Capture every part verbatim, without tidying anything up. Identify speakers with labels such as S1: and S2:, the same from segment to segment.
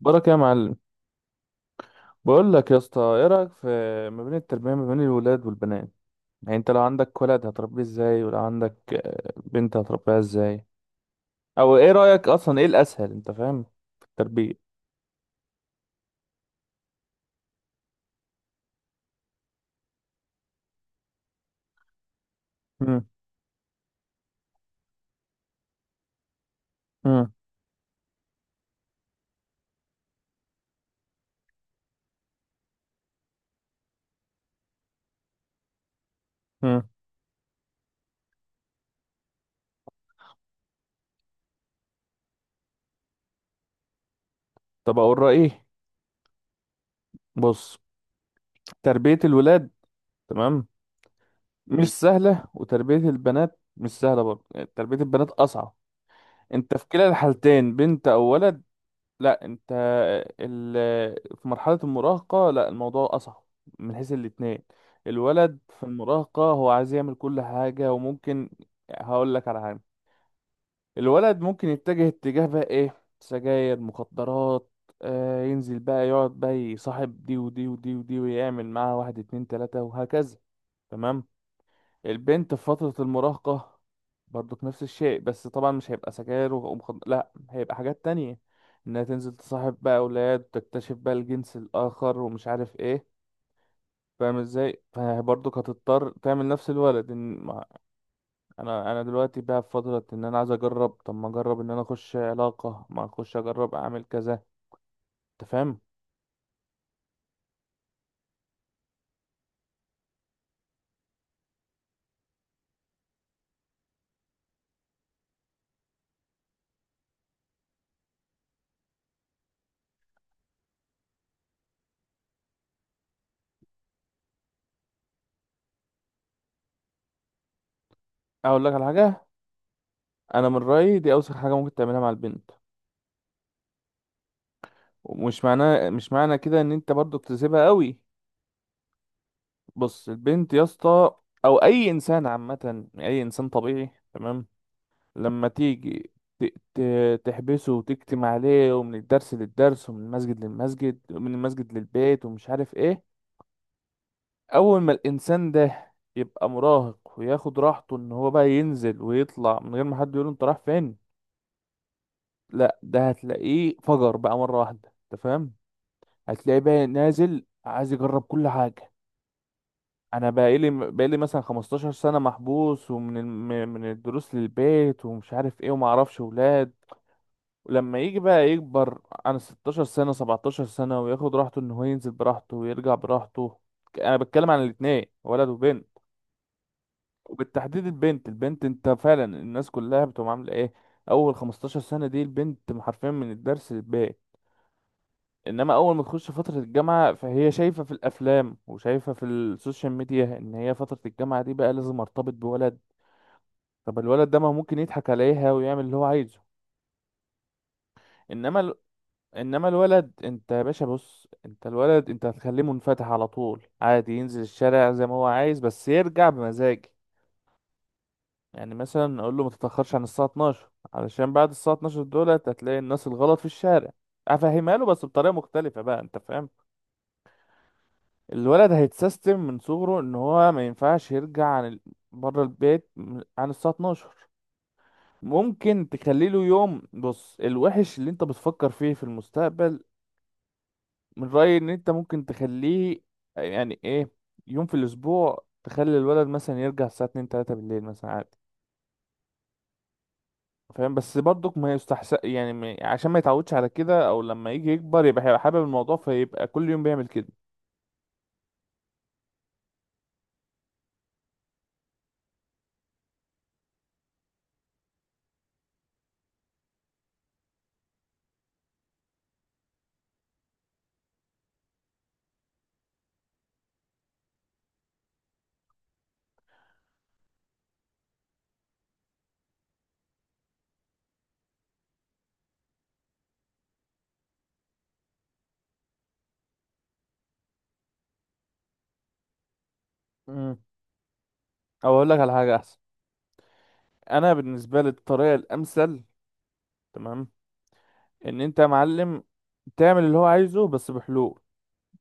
S1: بارك يا معلم، بقول لك يا اسطى ايه رايك في ما بين التربيه، ما بين الولاد والبنات. يعني انت لو عندك ولد هتربيه ازاي، ولو عندك آه، بنت هتربيها ازاي، او ايه رايك اصلا ايه الاسهل؟ انت فاهم في التربيه. مم. مم. مم. طب اقول رايي. بص، تربيه الولاد، تمام، مش سهله وتربيه البنات مش سهله برضه، يعني تربيه البنات اصعب. انت في كلا الحالتين بنت او ولد، لا انت ال... في مرحلة المراهقة لا الموضوع أصعب من حيث الاتنين. الولد في المراهقة هو عايز يعمل كل حاجة وممكن، هقول لك على حاجة، الولد ممكن يتجه اتجاه بقى ايه، سجاير، مخدرات، آه ينزل بقى يقعد بقى يصاحب دي ودي ودي ودي ويعمل معاها واحد اتنين تلاتة وهكذا، تمام. البنت في فترة المراهقة برضو نفس الشيء، بس طبعا مش هيبقى سجاير ومخد... لا هيبقى حاجات تانية، انها تنزل تصاحب بقى اولاد وتكتشف بقى الجنس الاخر ومش عارف ايه. فاهم ازاي؟ فبرضو هتضطر تعمل نفس الولد، إن ما- انا انا دلوقتي بقى في فترة ان انا عايز اجرب، طب ما اجرب ان انا اخش علاقة، ما اخش اجرب اعمل كذا. انت فاهم؟ اقول لك على حاجة، انا من رأيي دي اوسخ حاجة ممكن تعملها مع البنت، ومش معناه، مش معنى كده ان انت برضو بتسيبها قوي. بص البنت يا اسطى، او اي انسان عامه، اي انسان طبيعي، تمام، لما تيجي ت- ت- تحبسه وتكتم عليه ومن الدرس للدرس ومن المسجد للمسجد ومن المسجد للبيت ومش عارف ايه، اول ما الانسان ده يبقى مراهق وياخد راحته ان هو بقى ينزل ويطلع من غير ما حد يقول انت رايح فين، لا ده هتلاقيه فجر بقى مره واحده. انت فاهم؟ هتلاقيه بقى نازل عايز يجرب كل حاجه. انا بقالي بقالي مثلا 15 سنه محبوس ومن الم- من الدروس للبيت ومش عارف ايه وما اعرفش ولاد، ولما يجي بقى يكبر عن 16 سنه، 17 سنه وياخد راحته ان هو ينزل براحته ويرجع براحته، انا بتكلم عن الاتنين ولد وبنت، وبالتحديد البنت. البنت انت فعلا الناس كلها بتقوم عامله ايه، اول 15 سنه دي البنت حرفيا من الدرس للبيت، انما اول ما تخش فتره الجامعه فهي شايفه في الافلام وشايفه في السوشيال ميديا ان هي فتره الجامعه دي بقى لازم ارتبط بولد. طب الولد ده ما ممكن يضحك عليها ويعمل اللي هو عايزه. انما ال... انما الولد انت يا باشا، بص انت الولد انت هتخليه منفتح على طول عادي، ينزل الشارع زي ما هو عايز، بس يرجع بمزاجي. يعني مثلا اقول له ما تتاخرش عن الساعه اتناشر، علشان بعد الساعه اتناشر دولت هتلاقي الناس الغلط في الشارع. افهمها له بس بطريقه مختلفه بقى. انت فاهم؟ الولد هيتسيستم من صغره ان هو ما ينفعش يرجع عن ال... بره البيت عن الساعه اتناشر. ممكن تخلي له يوم، بص الوحش اللي انت بتفكر فيه في المستقبل، من رأيي ان انت ممكن تخليه، يعني ايه، يوم في الاسبوع تخلي الولد مثلا يرجع الساعة اتنين الثالثة بالليل مثلا عادي. فاهم؟ بس برضك ما يستحسن، يعني ما- عشان ما يتعودش على كده، او لما يجي يكبر يبقى هيبقى حابب الموضوع فيبقى كل يوم بيعمل كده. مم. او اقول لك على حاجة احسن، انا بالنسبة لي الطريقة الامثل، تمام، ان انت يا معلم تعمل اللي هو عايزه بس بحلول.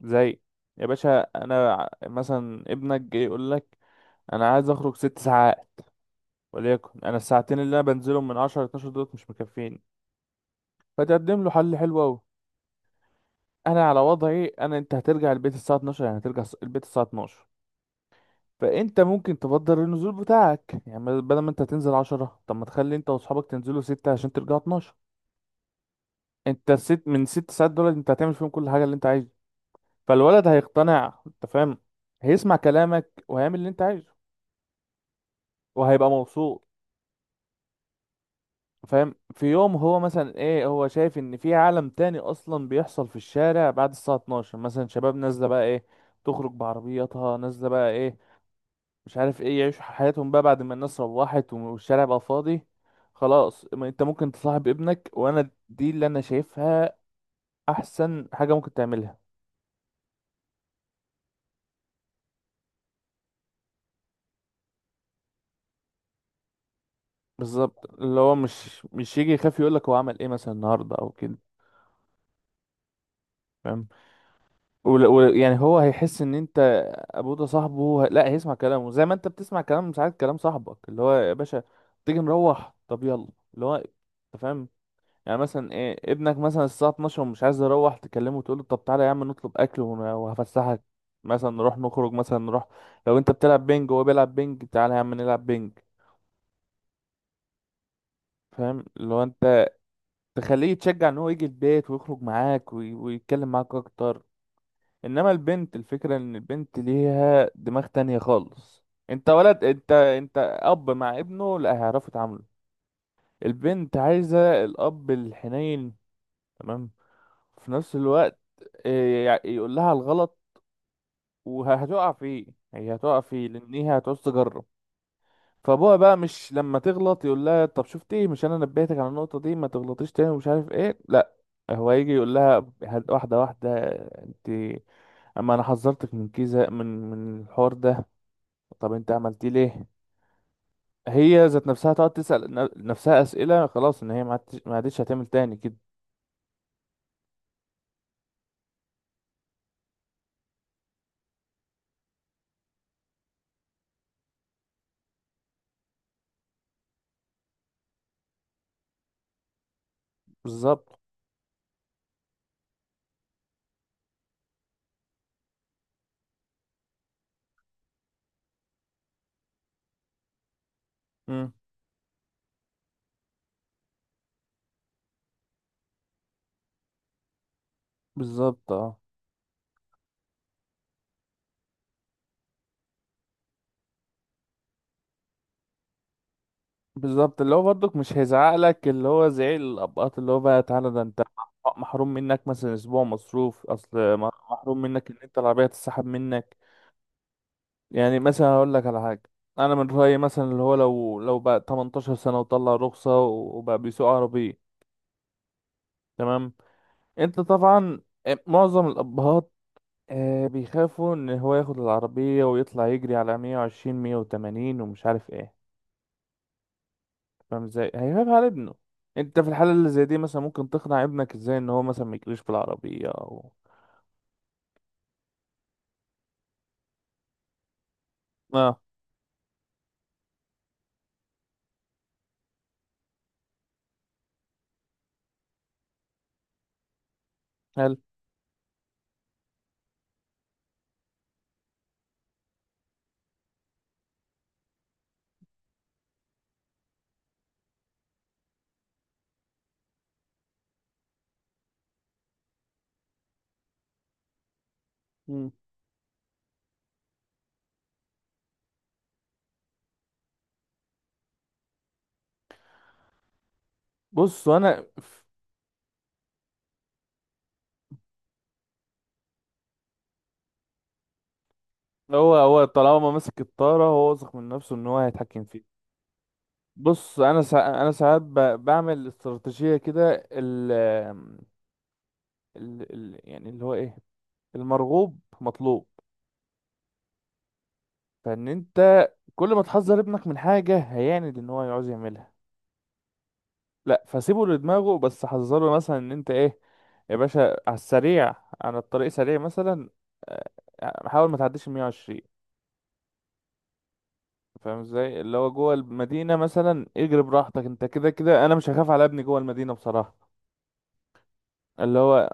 S1: زي، يا باشا انا ع- مثلا ابنك جاي يقول لك انا عايز اخرج ست ساعات، وليكن انا الساعتين اللي انا بنزلهم من عشرة ل اتناشر دولت مش مكفيني، فتقدم له حل حلو قوي. انا على وضعي، انا انت هترجع البيت الساعه الثانية عشرة، يعني هترجع الس- البيت الساعه اتناشر، فانت ممكن تبدل النزول بتاعك، يعني ما- بدل ما انت تنزل عشرة طب ما تخلي انت واصحابك تنزلوا ستة عشان ترجعوا اتناشر. انت الست من ست ساعات دول انت هتعمل فيهم كل حاجه اللي انت عايزها، فالولد هيقتنع. انت فاهم؟ هيسمع كلامك وهيعمل اللي انت عايزه وهيبقى مبسوط. فاهم؟ في يوم هو مثلا ايه، هو شايف ان في عالم تاني اصلا بيحصل في الشارع بعد الساعة اتناشر، مثلا شباب نازلة بقى ايه، تخرج بعربياتها نازلة بقى ايه، مش عارف ايه، يعيشوا حياتهم بقى بعد ما الناس روحت والشارع بقى فاضي. خلاص، ما انت ممكن تصاحب ابنك، وانا دي اللي انا شايفها احسن حاجة ممكن تعملها. بالظبط، اللي هو مش مش يجي يخاف يقولك هو عمل ايه مثلا النهاردة او كده. فاهم؟ ول- ول- يعني هو هيحس ان انت ابوه ده صاحبه، هو- لا هيسمع كلامه زي ما انت بتسمع كلام ساعات كلام صاحبك، اللي هو يا باشا تيجي مروح طب يلا، اللي هو انت. فاهم؟ يعني مثلا ايه، ابنك مثلا الساعه الثانية عشرة ومش عايز يروح، تكلمه وتقول له طب تعالى يا عم نطلب اكل ون- وهفسحك مثلا، نروح نخرج مثلا نروح. لو انت بتلعب بينج وهو بيلعب بينج تعالى يا عم نلعب بينج. فاهم؟ اللي هو انت تخليه يتشجع ان هو يجي البيت ويخرج معاك وي- ويتكلم معاك اكتر. انما البنت الفكرة ان البنت ليها دماغ تانية خالص. انت ولد، انت انت اب مع ابنه لا هيعرفوا يتعاملوا. البنت عايزة الاب الحنين، تمام، في نفس الوقت، إيه، يقول لها الغلط وهتقع فيه، هي هتقع فيه لان هي هتعوز تجرب. فابوها بقى مش لما تغلط يقول لها طب شفتي إيه؟ مش انا نبهتك على النقطة دي، ما تغلطيش تاني ومش عارف ايه، لا. هو يجي يقول لها واحدة واحدة، انت، اما انا حذرتك من كذا، من من الحوار ده، طب انت عملتيه ليه؟ هي ذات نفسها تقعد تسأل ن- نفسها أسئلة. خلاص ان هي ما عادتش، ما عادتش هتعمل تاني كده. بالظبط. امم. بالظبط. اه. بالظبط، اللي هو برضك مش هيزعق لك، اللي هو زعيق الابقاط اللي هو بقى تعالى ده انت محروم منك مثلا اسبوع مصروف، اصل م- محروم منك ان انت العربيه تتسحب منك. يعني مثلا هقول لك على حاجه، انا من رايي مثلا اللي هو لو لو بقى 18 سنه وطلع رخصه وبقى بيسوق عربيه، تمام، انت طبعا آه، معظم الابهات آه بيخافوا ان هو ياخد العربية ويطلع يجري على مائة وعشرين ميه وتمانين ومش عارف ايه. فاهم ازاي هيخاف على ابنه؟ انت في الحالة اللي زي دي مثلا ممكن تقنع ابنك ازاي ان هو مثلا ما يجريش في العربية او، اه، هل مم. بص انا، هو هو طالما ماسك الطارة هو واثق من نفسه ان هو هيتحكم فيه. بص انا سا... انا ساعات ب... بعمل استراتيجية كده ال... ال... ال... يعني اللي هو ايه، المرغوب مطلوب. فان انت، كل ما تحذر ابنك من حاجة هيعند ان هو يعوز يعملها. لا، فسيبه لدماغه بس حذره مثلا ان انت ايه، يا باشا على السريع، على الطريق سريع مثلا، آه، حاول ما تعديش ال مائة وعشرين. فاهم ازاي؟ اللي هو جوه المدينة مثلا اجري براحتك، انت كده كده انا مش هخاف على ابني جوه المدينة بصراحة. اللي هو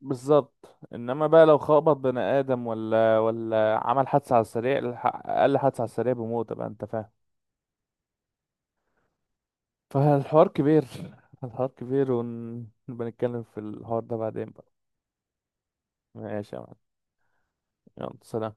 S1: بالظبط، انما بقى لو خبط بني ادم ولا ولا عمل حادثة على السريع، الح- اقل حادثة على السريع بموت بقى. انت فاهم؟ فالحوار كبير، الحوار كبير ونبقى نتكلم في الحوار ده بعدين بقى. ماشي يا معلم، يلا سلام.